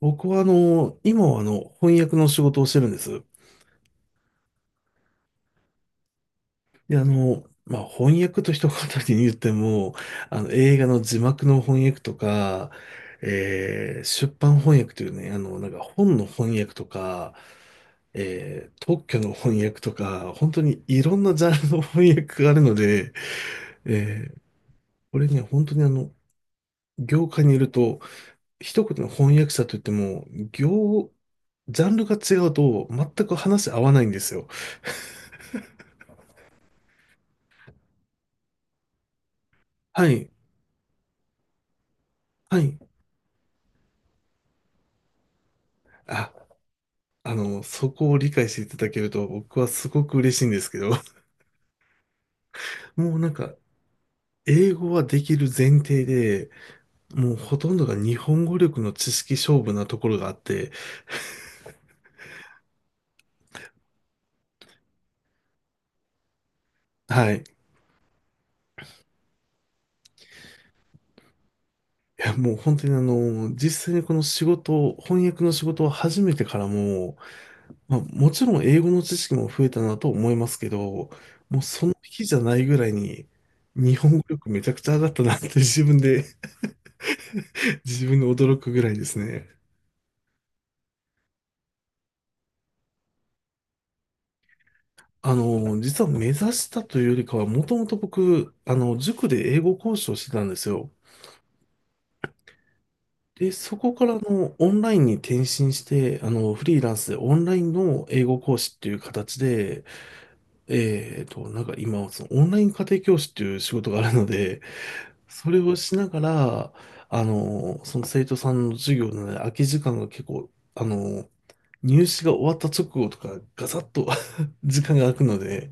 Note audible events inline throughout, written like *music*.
僕は今は翻訳の仕事をしてるんです。で、あの、まあ、翻訳と一言に言っても、あの、映画の字幕の翻訳とか、出版翻訳というね、あの、なんか本の翻訳とか、特許の翻訳とか、本当にいろんなジャンルの翻訳があるので、えーこれね、本当にあの、業界にいると、一言の翻訳者といっても、業、ジャンルが違うと全く話合わないんですよ。はい。はい。あ、あの、そこを理解していただけると僕はすごく嬉しいんですけど、*laughs* もうなんか、英語はできる前提で、もうほとんどが日本語力の知識勝負なところがあって、はい。いや、もう本当にあの、実際にこの仕事を、翻訳の仕事を始めてからも、まあ、もちろん英語の知識も増えたなと思いますけど、もうその日じゃないぐらいに、日本語力めちゃくちゃ上がったなって自分で *laughs* 自分で驚くぐらいですね。あの、実は目指したというよりかは、もともと僕、あの、塾で英語講師をしてたんですよ。で、そこからあの、オンラインに転身して、あの、フリーランスでオンラインの英語講師っていう形で、えっと、なんか今、そのオンライン家庭教師っていう仕事があるので、それをしながら、あの、その生徒さんの授業のね、空き時間が結構、あの、入試が終わった直後とか、ガサッと *laughs* 時間が空くので、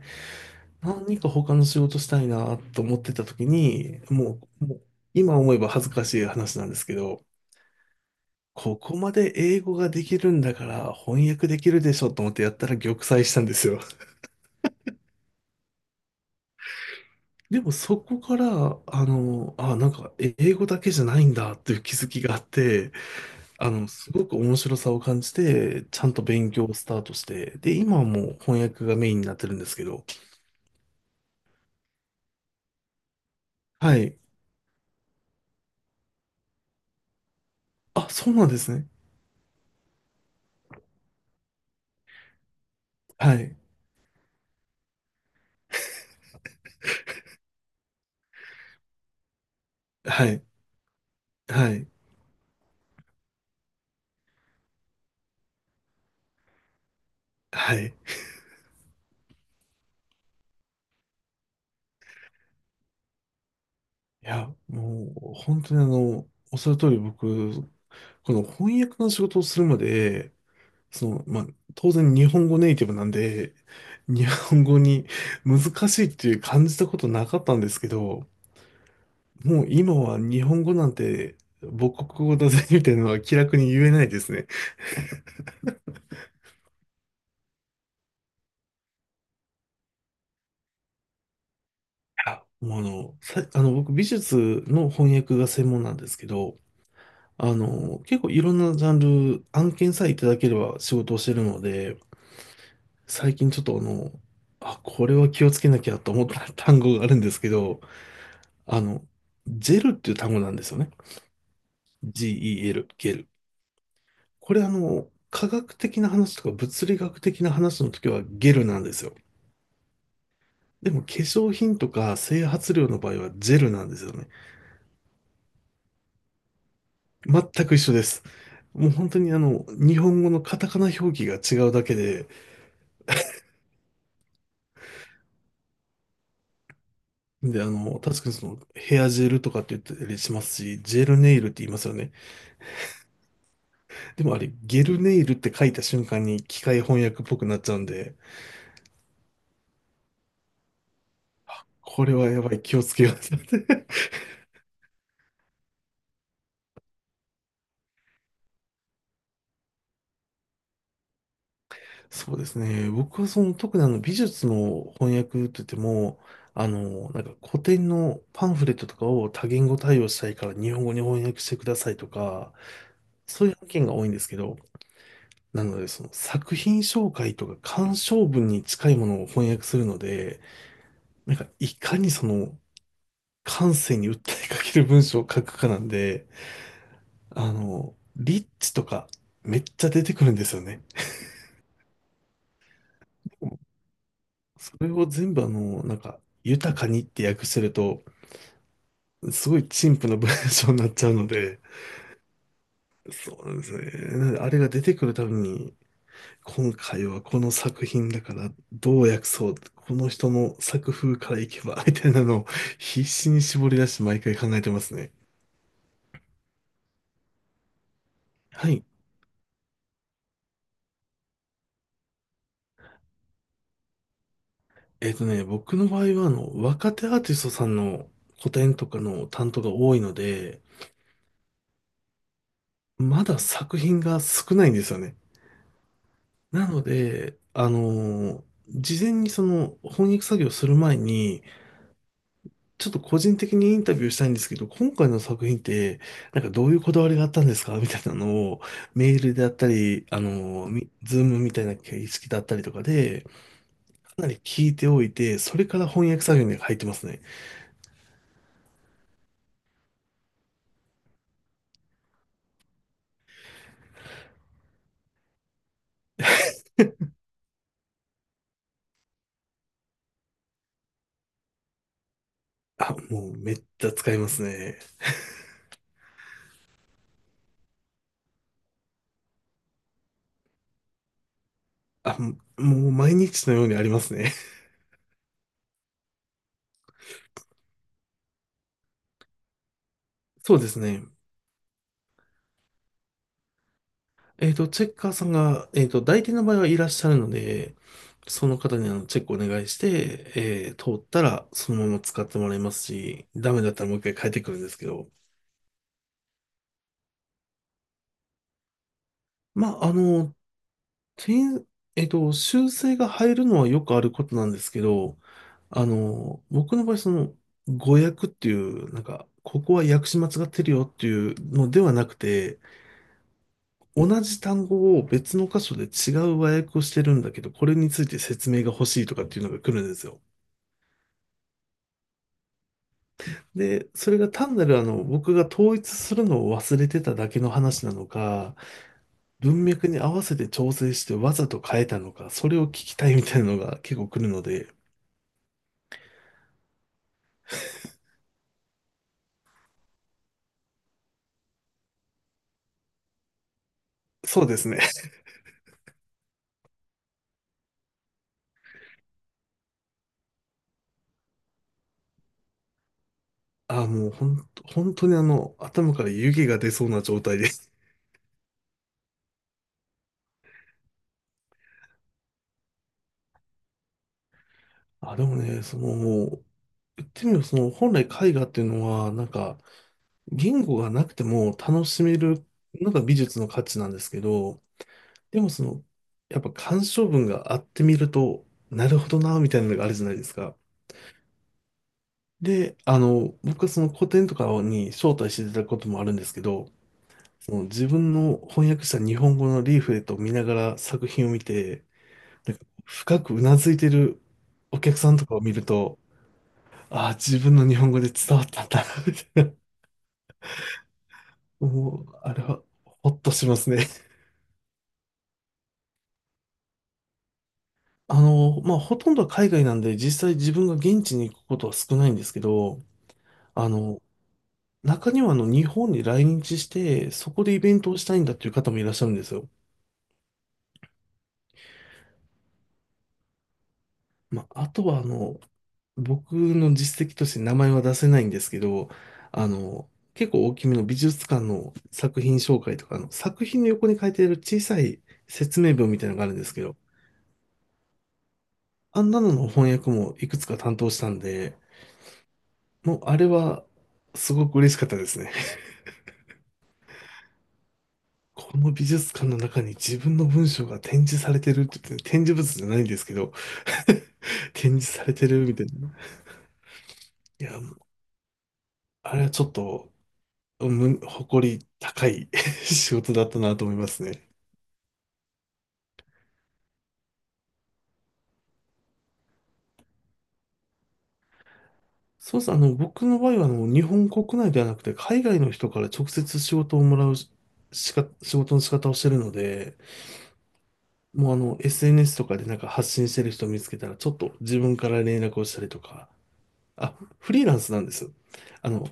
何か他の仕事したいなと思ってた時に、もう、もう今思えば恥ずかしい話なんですけど、ここまで英語ができるんだから翻訳できるでしょと思ってやったら玉砕したんですよ。でもそこから、あの、あ、なんか英語だけじゃないんだっていう気づきがあって、あの、すごく面白さを感じて、ちゃんと勉強をスタートして、で、今はもう翻訳がメインになってるんですけど、はい。あ、そうなんですね。はい。はい。はい。はい。いや、もう、本当にあの、おっしゃる通り僕、この翻訳の仕事をするまで、その、まあ、当然日本語ネイティブなんで、*laughs* 日本語に難しいっていう感じたことなかったんですけど、もう今は日本語なんて母国語だぜみたいなのは気楽に言えないですね。いやもうあの、あの、僕美術の翻訳が専門なんですけど、あの、結構いろんなジャンル、案件さえいただければ仕事をしてるので、最近ちょっとあの、あ、これは気をつけなきゃと思った *laughs* 単語があるんですけど、あの、ジェルっていう単語なんですよね。G-E-L、ゲル。これあの、科学的な話とか物理学的な話の時はゲルなんですよ。でも化粧品とか整髪料の場合はジェルなんですよね。全く一緒です。もう本当にあの、日本語のカタカナ表記が違うだけで、で、あの、確かにそのヘアジェルとかって言ったりしますし、ジェルネイルって言いますよね。でもあれ、ゲルネイルって書いた瞬間に機械翻訳っぽくなっちゃうんで、これはやばい、気をつけようってなって。*laughs* そうですね。僕はその特にあの美術の翻訳って言っても、あの、なんか古典のパンフレットとかを多言語対応したいから日本語に翻訳してくださいとか、そういう案件が多いんですけど、なのでその作品紹介とか鑑賞文に近いものを翻訳するので、なんかいかにその感性に訴えかける文章を書くかなんで、あの、リッチとかめっちゃ出てくるんですよね。それを全部あの、なんか、豊かにって訳してると、すごい陳腐な文章になっちゃうので、そうなんですね。なのであれが出てくるたびに、今回はこの作品だからどう訳そう、この人の作風からいけば、みたいなのを必死に絞り出して毎回考えてますね。はい。えっとね、僕の場合はあの、若手アーティストさんの個展とかの担当が多いので、まだ作品が少ないんですよね。なので、事前にその翻訳作業する前に、ちょっと個人的にインタビューしたいんですけど、今回の作品って、なんかどういうこだわりがあったんですかみたいなのを、メールであったり、あのーみズームみたいな形式だったりとかで、かなり聞いておいて、それから翻訳作業に入ってますね。あ、もうめっちゃ使いますね。あ、もう毎日のようにありますね。*laughs* そうですね。えっと、チェッカーさんが、えっと、代理店の場合はいらっしゃるので、その方にあのチェックお願いして、通ったらそのまま使ってもらいますし、ダメだったらもう一回変えてくるんですけど、まあ、あの、点、えっと、修正が入るのはよくあることなんですけど、あの、僕の場合、その、誤訳っていう、なんか、ここは訳し間違ってるよっていうのではなくて、同じ単語を別の箇所で違う和訳をしてるんだけど、これについて説明が欲しいとかっていうのが来るんですよ。で、それが単なるあの、僕が統一するのを忘れてただけの話なのか、文脈に合わせて調整してわざと変えたのか、それを聞きたいみたいなのが結構来るので、そうですね。*laughs* あ、もうほん、本当にあの、頭から湯気が出そうな状態です。あ、でもね、そのもう、言ってみればその本来絵画っていうのは、なんか、言語がなくても楽しめるのが美術の価値なんですけど、でもその、やっぱ鑑賞文があってみると、なるほどな、みたいなのがあるじゃないですか。で、あの、僕はその古典とかに招待していただくこともあるんですけど、その自分の翻訳した日本語のリーフレットを見ながら作品を見て、なんか深くうなずいてるお客さんとかを見ると、ああ、自分の日本語で伝わったんだな、みたいな。もう、あれは、ほっとしますね。あの、まあ、ほとんどは海外なんで、実際自分が現地に行くことは少ないんですけど、あの、中にはあの、日本に来日して、そこでイベントをしたいんだっていう方もいらっしゃるんですよ。まあ、あとはあの、僕の実績として名前は出せないんですけど、あの、結構大きめの美術館の作品紹介とか、あの、作品の横に書いてある小さい説明文みたいなのがあるんですけど、あんなのの翻訳もいくつか担当したんで、もうあれはすごく嬉しかったですね。この美術館の中に自分の文章が展示されてるって言って、展示物じゃないんですけど、*laughs* 展示されてるみたいな。いや、もうあれはちょっと、誇り高い *laughs* 仕事だったなと思いますね。そうです。あの、僕の場合は、あの、日本国内ではなくて、海外の人から直接仕事をもらうししか、仕事の仕方をしてるので、もうあの、SNS とかでなんか発信してる人を見つけたら、ちょっと自分から連絡をしたりとか、あ、フリーランスなんですよ。あの、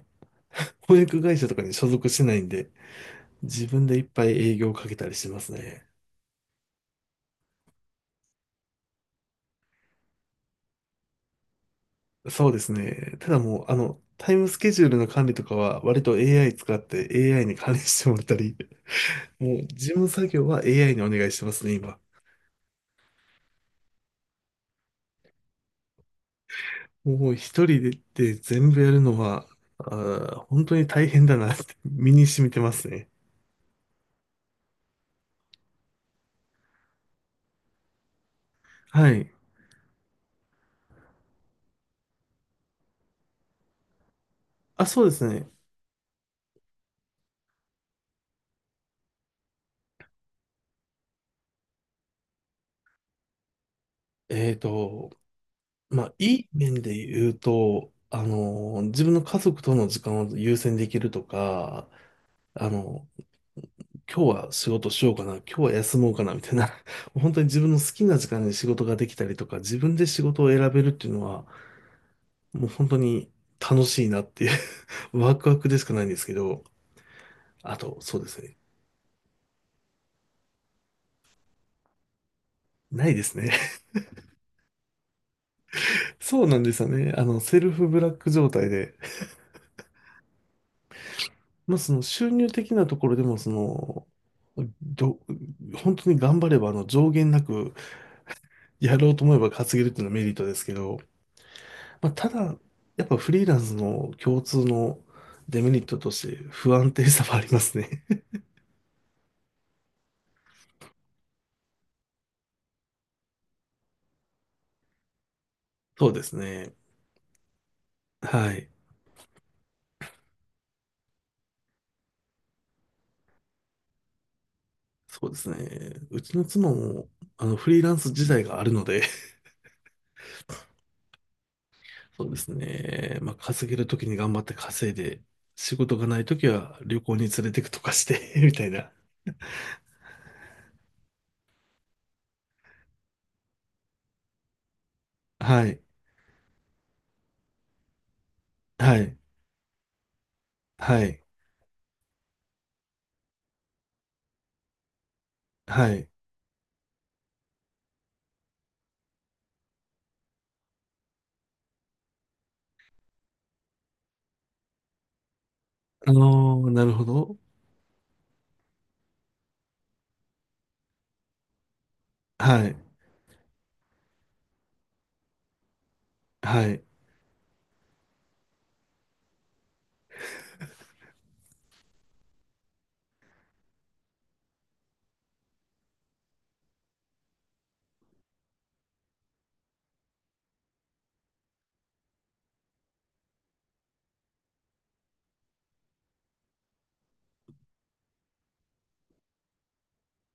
翻訳会社とかに所属してないんで、自分でいっぱい営業をかけたりしてますね。そうですね。ただもう、あの、タイムスケジュールの管理とかは、割と AI 使って AI に管理してもらったり、もう事務作業は AI にお願いしてますね、今。もう一人で全部やるのは、あー、本当に大変だなって *laughs* 身に染みてますね。はい。あ、そうですね。えっと、まあ、いい面で言うと、あの、自分の家族との時間を優先できるとか、あの、今日は仕事しようかな、今日は休もうかな、みたいな、*laughs* もう本当に自分の好きな時間に仕事ができたりとか、自分で仕事を選べるっていうのは、もう本当に楽しいなっていう *laughs* ワクワクでしかないんですけど、あと、そうですね。ないですね。*laughs* そうなんですよね。あの、セルフブラック状態で。まあ、その収入的なところでも、その、ど、本当に頑張れば、あの、上限なくやろうと思えば稼げるっていうのはメリットですけど、まあ、ただ、やっぱフリーランスの共通のデメリットとして不安定さはありますね。*laughs* そうですね。はい。そうですね。うちの妻も、あの、フリーランス自体があるので、*laughs* そうですね。まあ、稼げるときに頑張って稼いで、仕事がないときは旅行に連れてくとかして *laughs* みたいな。はい。はい。はい。はい。あのーなるほど。はい。はい。